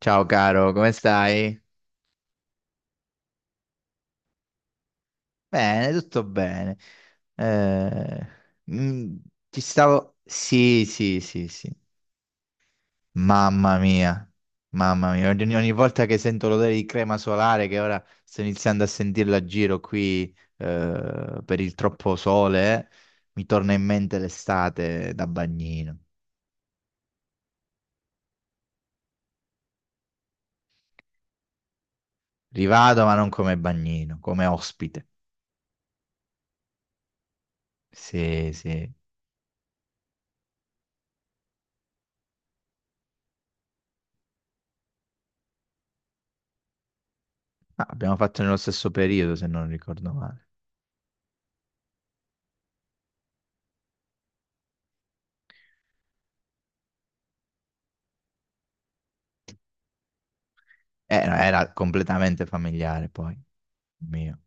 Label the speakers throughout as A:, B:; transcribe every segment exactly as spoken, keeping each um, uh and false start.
A: Ciao caro, come stai? Bene, tutto bene. Eh, mm, ti stavo... Sì, sì, sì, sì. Mamma mia, mamma mia. Ogni, ogni volta che sento l'odore di crema solare, che ora sto iniziando a sentirla a giro qui eh, per il troppo sole, mi torna in mente l'estate da bagnino. Rivado, ma non come bagnino, come ospite. Sì, sì. Ah, abbiamo fatto nello stesso periodo, se non ricordo male. Eh, no, era completamente familiare poi, mio.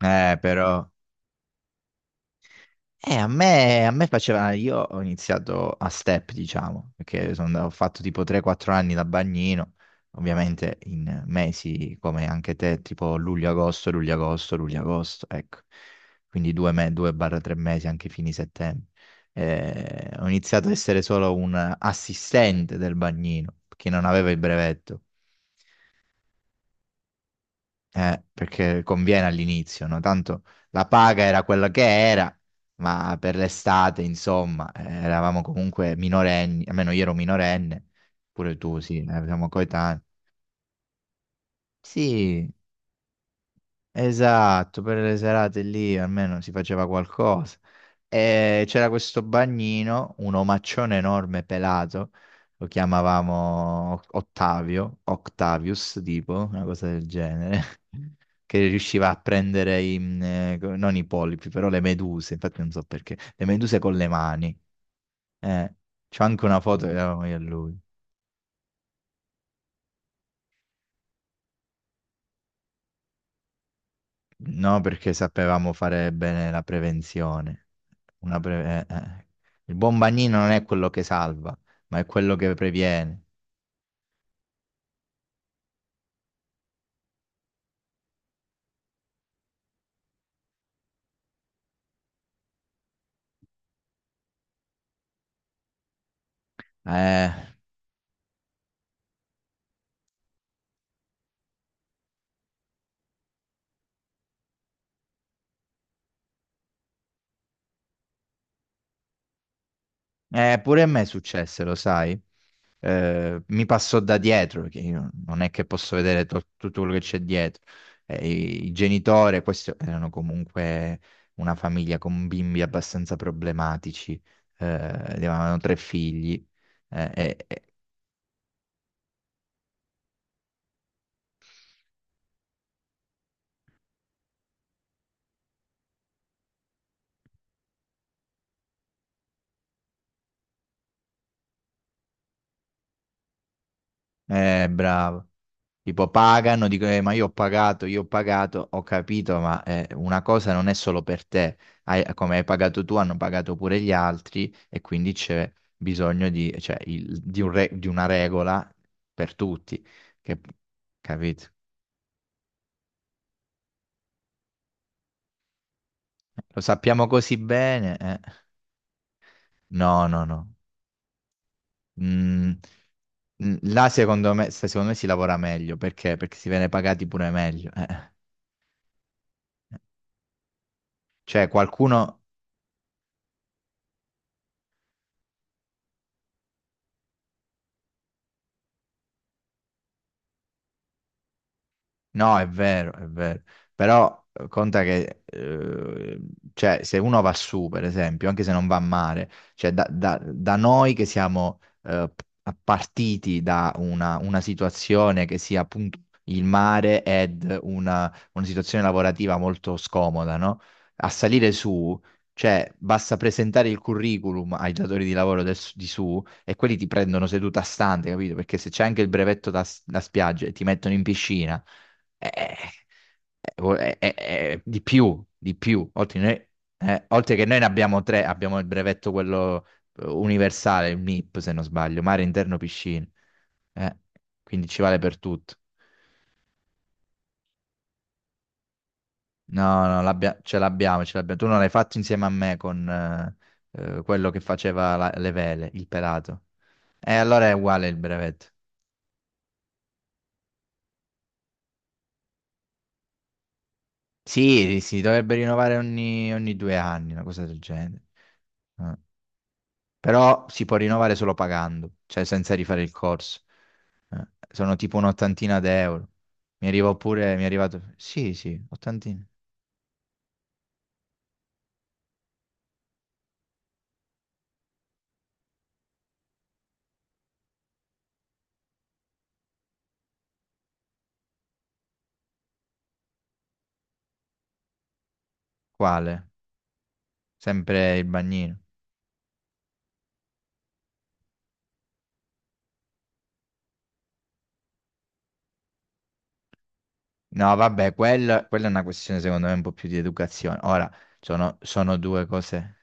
A: Eh, però, eh, a me, a me faceva, io ho iniziato a step, diciamo, perché sono andato- ho fatto tipo tre quattro anni da bagnino, ovviamente in mesi come anche te, tipo luglio-agosto, luglio-agosto, luglio-agosto, ecco. Quindi due tre mesi anche fini settembre. Eh, ho iniziato ad essere solo un assistente del bagnino, perché non avevo il brevetto. Eh, perché conviene all'inizio, no? Tanto la paga era quella che era, ma per l'estate, insomma, eh, eravamo comunque minorenni, almeno io ero minorenne, pure tu, sì, eh, siamo coetanei. Sì, esatto, per le serate lì almeno si faceva qualcosa. E c'era questo bagnino, un omaccione enorme pelato, lo chiamavamo Ottavio, Octavius, tipo, una cosa del genere, che riusciva a prendere i, mm, eh, co- non i polipi, però le meduse, infatti non so perché, le meduse con le mani. Eh, C'ho anche una foto che avevamo io e lui. No, perché sapevamo fare bene la prevenzione. Una pre- eh, eh. Il buon bagnino non è quello che salva, ma è quello che previene. Eh. Eh, pure a me successe, lo sai. Eh, mi passò da dietro, che io non è che posso vedere to- tutto quello che c'è dietro. Eh, i, i genitori, questi erano comunque una famiglia con bimbi abbastanza problematici. Eh, avevano tre figli. Eh, eh, eh, eh, Bravo. Tipo pagano, dico, "Eh, ma io ho pagato, io ho pagato, ho capito, ma eh, una cosa non è solo per te, Hai- come hai pagato tu, hanno pagato pure gli altri e quindi c'è bisogno di, cioè, il- di un re- di una regola per tutti, che, capito?" Lo sappiamo così bene, eh. No, no, no. Mm, mm, Là secondo me, se- secondo me si lavora meglio, perché? Perché si viene pagati pure meglio. eh. Cioè qualcuno. No, è vero, è vero. Però eh, conta che, eh, cioè, se uno va su, per esempio, anche se non va a mare, cioè da, da- da noi che siamo eh, p- partiti da una, una situazione che sia appunto il mare ed una, una situazione lavorativa molto scomoda, no? A salire su, cioè, basta presentare il curriculum ai datori di lavoro del s- di su e quelli ti prendono seduta stante, capito? Perché se c'è anche il brevetto da, s- da spiaggia e ti mettono in piscina eh, eh, eh, eh, eh, eh, di più, di più. Oltre, noi- eh, oltre che noi ne abbiamo tre, abbiamo il brevetto quello eh, universale, il MIP se non sbaglio, mare interno piscine. Eh, quindi ci vale per tutto. No, no, l'abbia- ce l'abbiamo, ce l'abbiamo. Tu non l'hai fatto insieme a me con eh, eh, quello che faceva la- le vele, il pelato. E allora è uguale il brevetto. Sì, si dovrebbe rinnovare ogni, ogni due anni, una cosa del genere. Eh. Però si può rinnovare solo pagando, cioè senza rifare il corso. Eh, sono tipo un'ottantina d'euro. Mi arriva pure, mi è arrivato. Sì, sì, ottantina. Quale? Sempre il bagnino. No, vabbè, quella, quella è una questione secondo me un po' più di educazione. Ora, sono, sono due cose.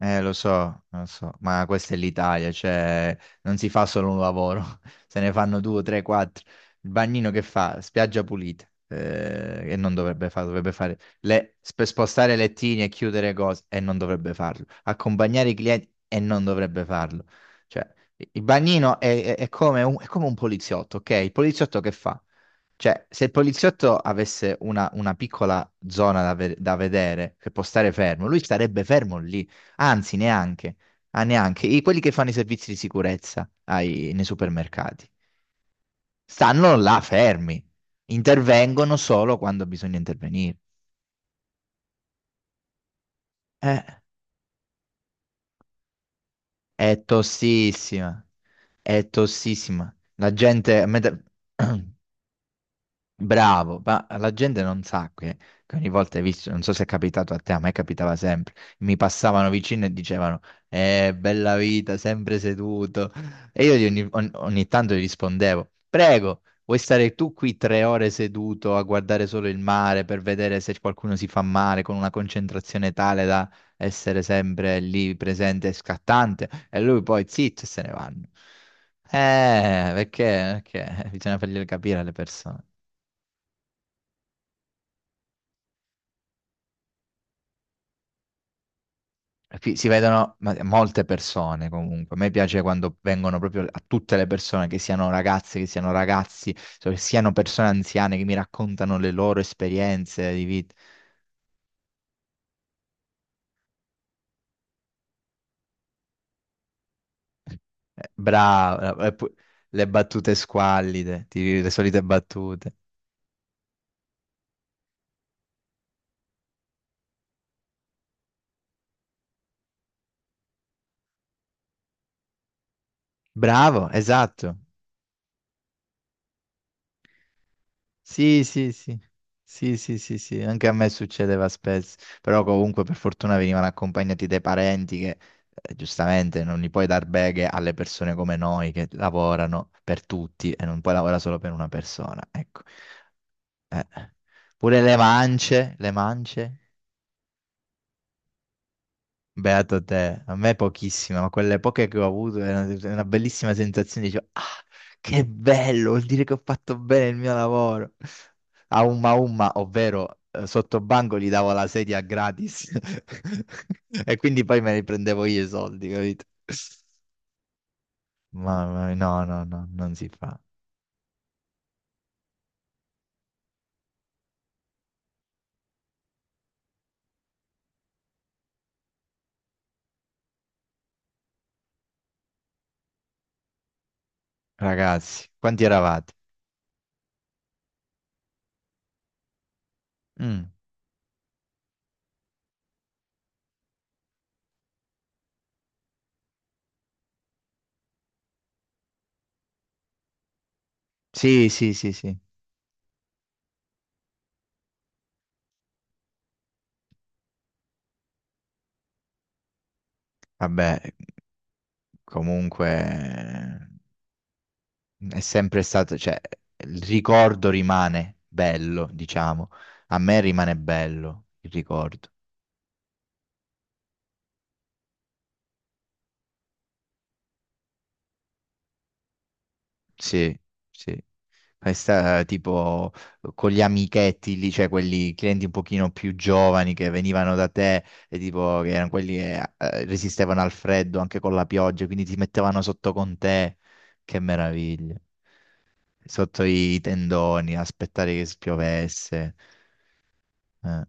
A: Eh, lo so, lo so, ma questa è l'Italia, cioè non si fa solo un lavoro, se ne fanno due, tre, quattro. Il bagnino che fa? Spiaggia pulita, eh, e non dovrebbe fare, dovrebbe fare le, sp- spostare lettini e chiudere cose, e non dovrebbe farlo. Accompagnare i clienti, e non dovrebbe farlo. Cioè, i- il bagnino è, è- è come un, è come un poliziotto, ok? Il poliziotto che fa? Cioè, se il poliziotto avesse una, una piccola zona da, ve- da vedere, che può stare fermo, lui starebbe fermo lì. Anzi, neanche, ah, neanche. I- quelli che fanno i servizi di sicurezza ai- nei supermercati stanno là fermi, intervengono solo quando bisogna intervenire. Eh, è tossissima, è tossissima. La gente, a me da- Bravo, ma la gente non sa che, che ogni volta hai visto, non so se è capitato a te, a me capitava sempre, mi passavano vicino e dicevano, eh, bella vita, sempre seduto. E io gli ogni, ogni- ogni tanto gli rispondevo, prego, vuoi stare tu qui tre ore seduto a guardare solo il mare per vedere se qualcuno si fa male con una concentrazione tale da essere sempre lì presente e scattante? E lui poi zitto e se ne vanno. Eh, perché, perché bisogna farglielo capire alle persone. Fi- Si vedono ma- molte persone comunque. A me piace quando vengono proprio a tutte le persone, che siano ragazze, che siano ragazzi, so- che siano persone anziane che mi raccontano le loro esperienze di vita. Eh, Bravo, eh, pu- le battute squallide, ti- le solite battute. Bravo, esatto. Sì, sì, sì, sì, sì, sì, sì, anche a me succedeva spesso, però comunque per fortuna venivano accompagnati dai parenti che eh, giustamente non gli puoi dar beghe alle persone come noi che lavorano per tutti e non puoi lavorare solo per una persona, ecco. Pure le mance, le mance. Beato te, a me pochissime, ma quelle poche che ho avuto è una, è una bellissima sensazione, dicevo, ah, che bello, vuol dire che ho fatto bene il mio lavoro. A umma umma, ovvero eh, sotto banco gli davo la sedia gratis e quindi poi me ne prendevo io i soldi, capito? Mamma mia, no, no, no, non si fa. Ragazzi, quanti eravate? Mm, Sì, sì, sì, sì. Vabbè, comunque. È sempre stato, cioè, il ricordo rimane bello, diciamo. A me rimane bello il ricordo. Sì, sì. Questa, tipo, con gli amichetti lì, cioè quelli clienti un pochino più giovani che venivano da te e tipo, che erano quelli che eh, resistevano al freddo anche con la pioggia, quindi ti mettevano sotto con te. Che meraviglia. Sotto i tendoni, aspettare che spiovesse. Eh.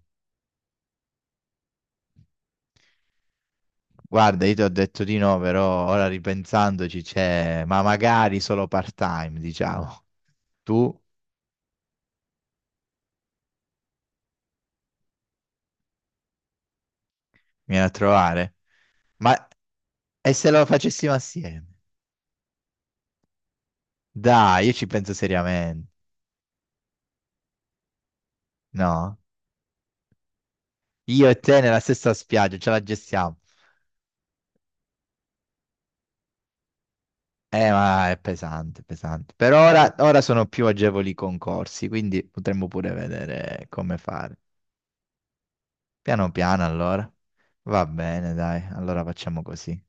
A: Guarda, io ti ho detto di no, però ora ripensandoci c'è, ma magari solo part-time, diciamo. Tu vieni a trovare. Ma e se lo facessimo assieme? Dai, io ci penso seriamente. No? Io e te nella stessa spiaggia, ce la gestiamo. Eh, ma è pesante, pesante. Per ora, ora sono più agevoli i concorsi, quindi potremmo pure vedere come fare. Piano piano, allora. Va bene, dai, allora facciamo così.